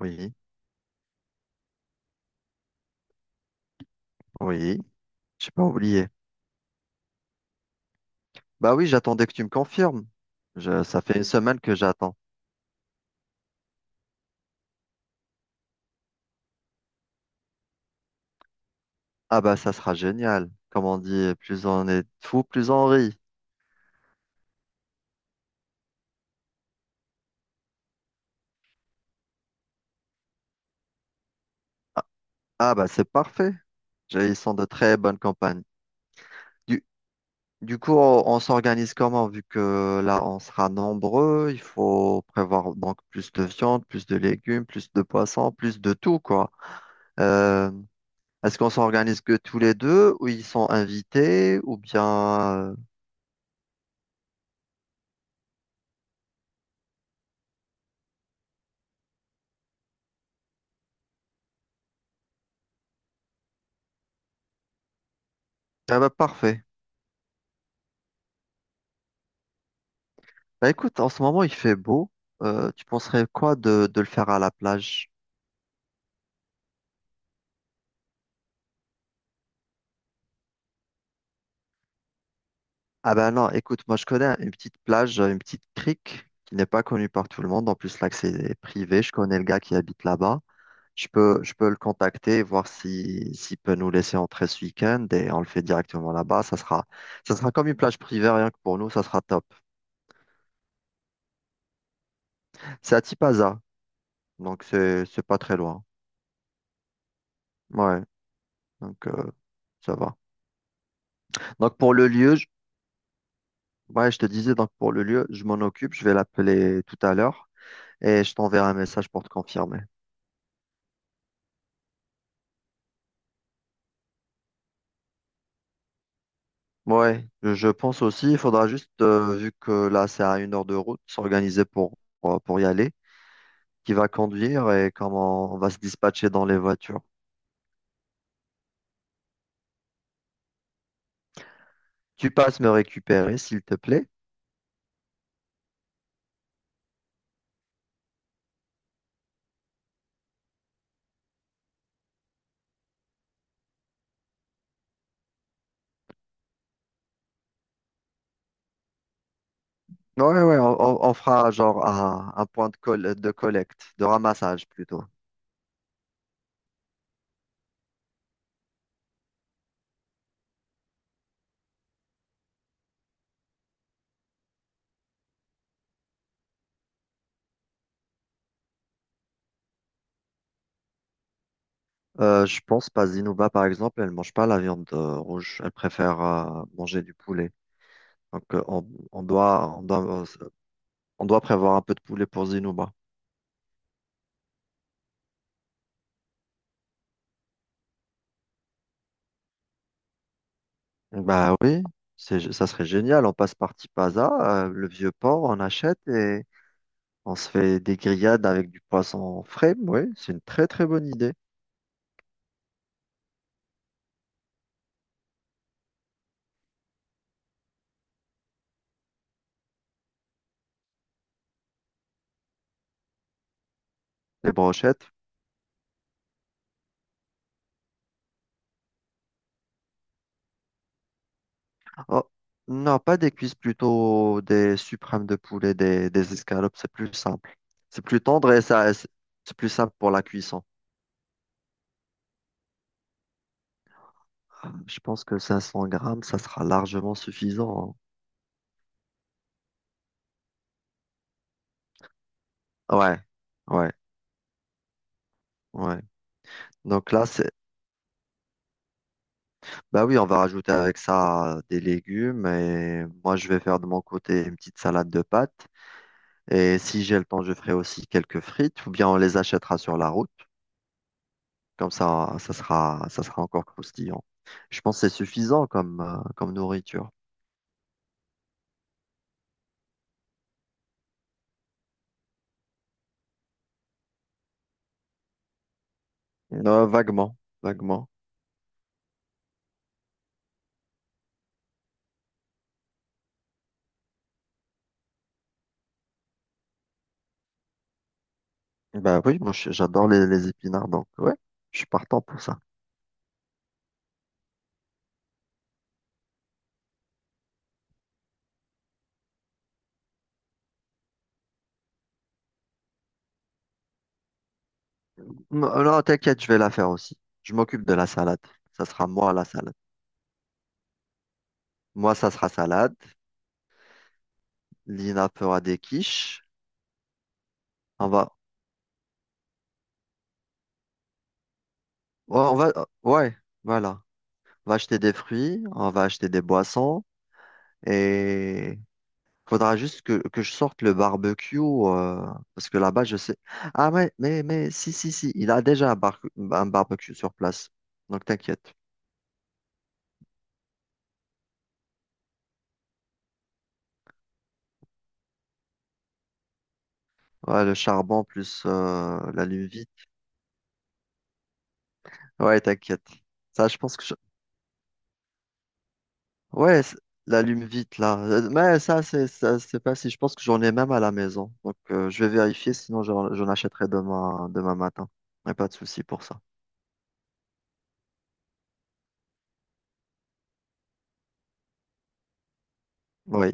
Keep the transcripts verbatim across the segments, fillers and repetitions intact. Oui, oui, j'ai pas oublié. Bah oui, j'attendais que tu me confirmes. Je, ça fait une semaine que j'attends. Ah bah ça sera génial. Comme on dit, plus on est fou, plus on rit. Ah bah c'est parfait. J'ai- Ils sont de très bonnes campagnes. Du, du coup, on, on s'organise comment? Vu que là, on sera nombreux, il faut prévoir donc plus de viande, plus de légumes, plus de poissons, plus de tout, quoi. Euh, Est-ce qu'on s'organise que tous les deux, ou ils sont invités, ou bien... euh, Ah bah parfait. Bah écoute, en ce moment il fait beau. Euh, tu penserais quoi de, de le faire à la plage? Ah bah non, écoute, moi je connais une petite plage, une petite crique qui n'est pas connue par tout le monde. En plus l'accès est privé. Je connais le gars qui habite là-bas. Je peux, je peux le contacter et voir si, s'il peut nous laisser entrer ce week-end et on le fait directement là-bas. Ça sera, ça sera comme une plage privée, rien que pour nous, ça sera top. C'est à Tipaza, donc c'est, c'est pas très loin. Ouais, donc euh, ça va. Donc pour le lieu, je- Ouais, je te disais donc pour le lieu, je m'en occupe, je vais l'appeler tout à l'heure et je t'enverrai un message pour te confirmer. Ouais, je je pense aussi, il faudra juste, euh, vu que là c'est à une heure de route, s'organiser pour, pour, pour y aller, qui va conduire et comment on va se dispatcher dans les voitures. Tu passes me récupérer, s'il te plaît? Ouais, ouais, on, on- on fera genre un, un point de, col- de collecte, de ramassage plutôt. Euh, je pense pas Zinouba, par exemple, elle mange pas la viande euh, rouge. Elle préfère euh, manger du poulet. Donc, euh, on, on doit, on doit On doit prévoir un peu de poulet pour Zinouba. Bah oui, c'est, ça serait génial. On passe par Tipaza, euh, le vieux port, on achète et on se fait des grillades avec du poisson frais. Oui, c'est une très très bonne idée. Des brochettes. Oh, non, pas des cuisses, plutôt des suprêmes de poulet, des, des escalopes. C'est plus simple. C'est plus tendre et ça, c'est c'est plus simple pour la cuisson. Je pense que cinq cents grammes, ça sera largement suffisant. Hein. Ouais, ouais, ouais. Donc là, c'est Bah oui, on va rajouter avec ça des légumes et moi je vais faire de mon côté une petite salade de pâtes. Et si j'ai le temps, je ferai aussi quelques frites ou bien on les achètera sur la route. Comme ça, ça sera, ça sera encore croustillant. Je pense que c'est suffisant comme, euh, comme nourriture. Euh, vaguement, vaguement. Bah oui, moi je- j'adore les, les épinards, donc ouais, je suis partant pour ça. Non, non, t'inquiète, je vais la faire aussi. Je m'occupe de la salade. Ça sera moi la salade. Moi, ça sera salade. Lina fera des quiches. On va, Ouais, on va, ouais, voilà. On va acheter des fruits, on va acheter des boissons et faudra juste que, que je sorte le barbecue euh, parce que là-bas, je sais. Ah, mais, mais, mais, si, si, si, il a déjà un, bar- un barbecue sur place. Donc, t'inquiète. Ouais, le charbon plus euh, l'allume-vite. Ouais, t'inquiète. Ça, je pense que je- Ouais, c'est- l'allume-vite, là. Euh, Mais ça, c'est ça, c'est pas si. Je pense que j'en ai même à la maison. Donc, euh, je vais vérifier, sinon j'en j'en achèterai demain, demain matin. Y a pas de souci pour ça. Oui,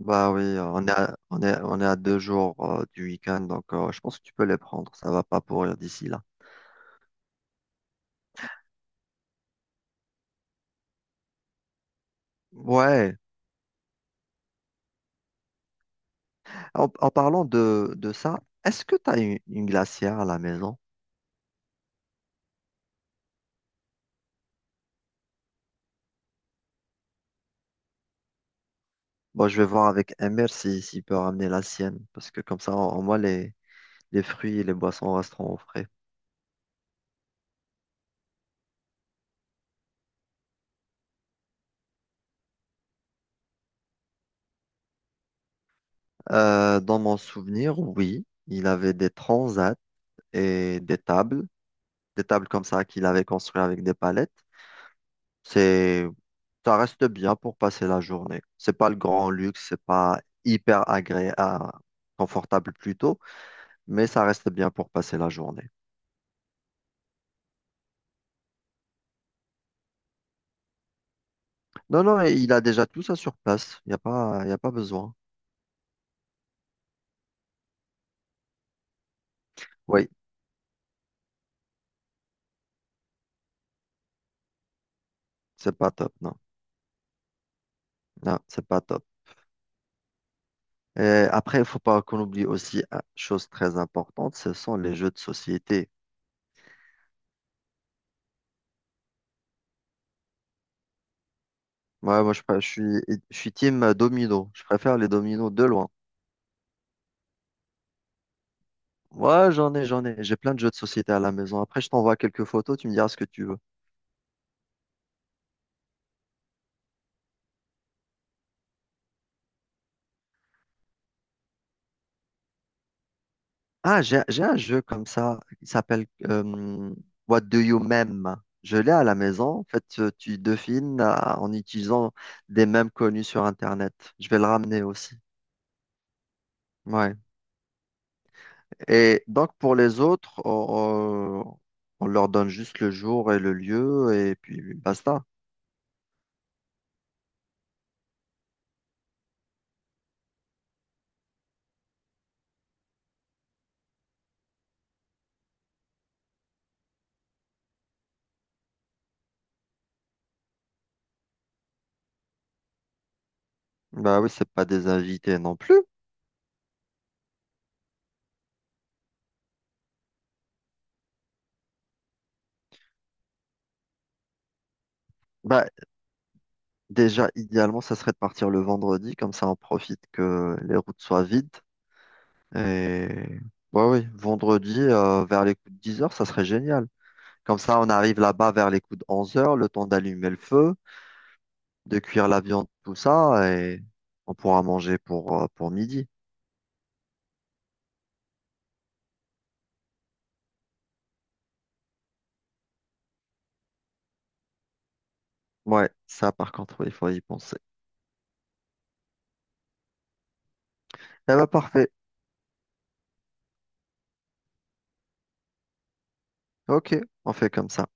bah oui, euh, on est à, on est, on est à deux jours euh, du week-end, donc euh, je pense que tu peux les prendre, ça va pas pourrir d'ici là. Ouais, en, en parlant de, de ça, est-ce que tu as une, une glacière à la maison? Bon, je vais voir avec Emir si, s'il peut ramener la sienne, parce que comme ça, au au moins, les, les fruits et les boissons resteront au frais. Euh, dans mon souvenir, oui, il avait des transats et des tables, des tables comme ça qu'il avait construites avec des palettes. C'est Ça reste bien pour passer la journée. C'est pas le grand luxe, c'est pas hyper agréable, confortable plutôt, mais ça reste bien pour passer la journée. Non, non, et il a déjà tout ça sur place. Il n'y a pas, y a pas besoin. Oui, c'est pas top, non. Non, c'est pas top. Et après, il faut pas qu'on oublie aussi une chose très importante, ce sont les jeux de société. Ouais, moi, je, pr- je suis, je suis team domino. Je préfère les dominos de loin. Ouais, j'en ai, j'en ai. J'ai plein de jeux de société à la maison. Après, je t'envoie quelques photos. Tu me diras ce que tu Ah, j'ai, j'ai un jeu comme ça qui s'appelle euh, What Do You Meme? Je l'ai à la maison. En fait, euh, tu devines euh, en utilisant des mèmes connus sur Internet. Je vais le ramener aussi. Ouais. Et donc, pour les autres, on, on- on leur donne juste le jour et le lieu et puis basta. Bah oui, c'est pas des invités non plus. Bah déjà, idéalement, ça serait de partir le vendredi, comme ça on profite que les routes soient vides. Et bah oui, vendredi euh, vers les coups de dix heures, ça serait génial. Comme ça, on arrive là-bas vers les coups de onze heures, le temps d'allumer le feu, de cuire la viande, tout ça, et on pourra manger pour, euh, pour midi. Ouais, ça par contre, oui, il faut y penser. Eh bah parfait. Ok, on fait comme ça.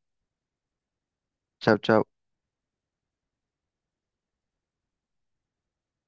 Ciao, ciao.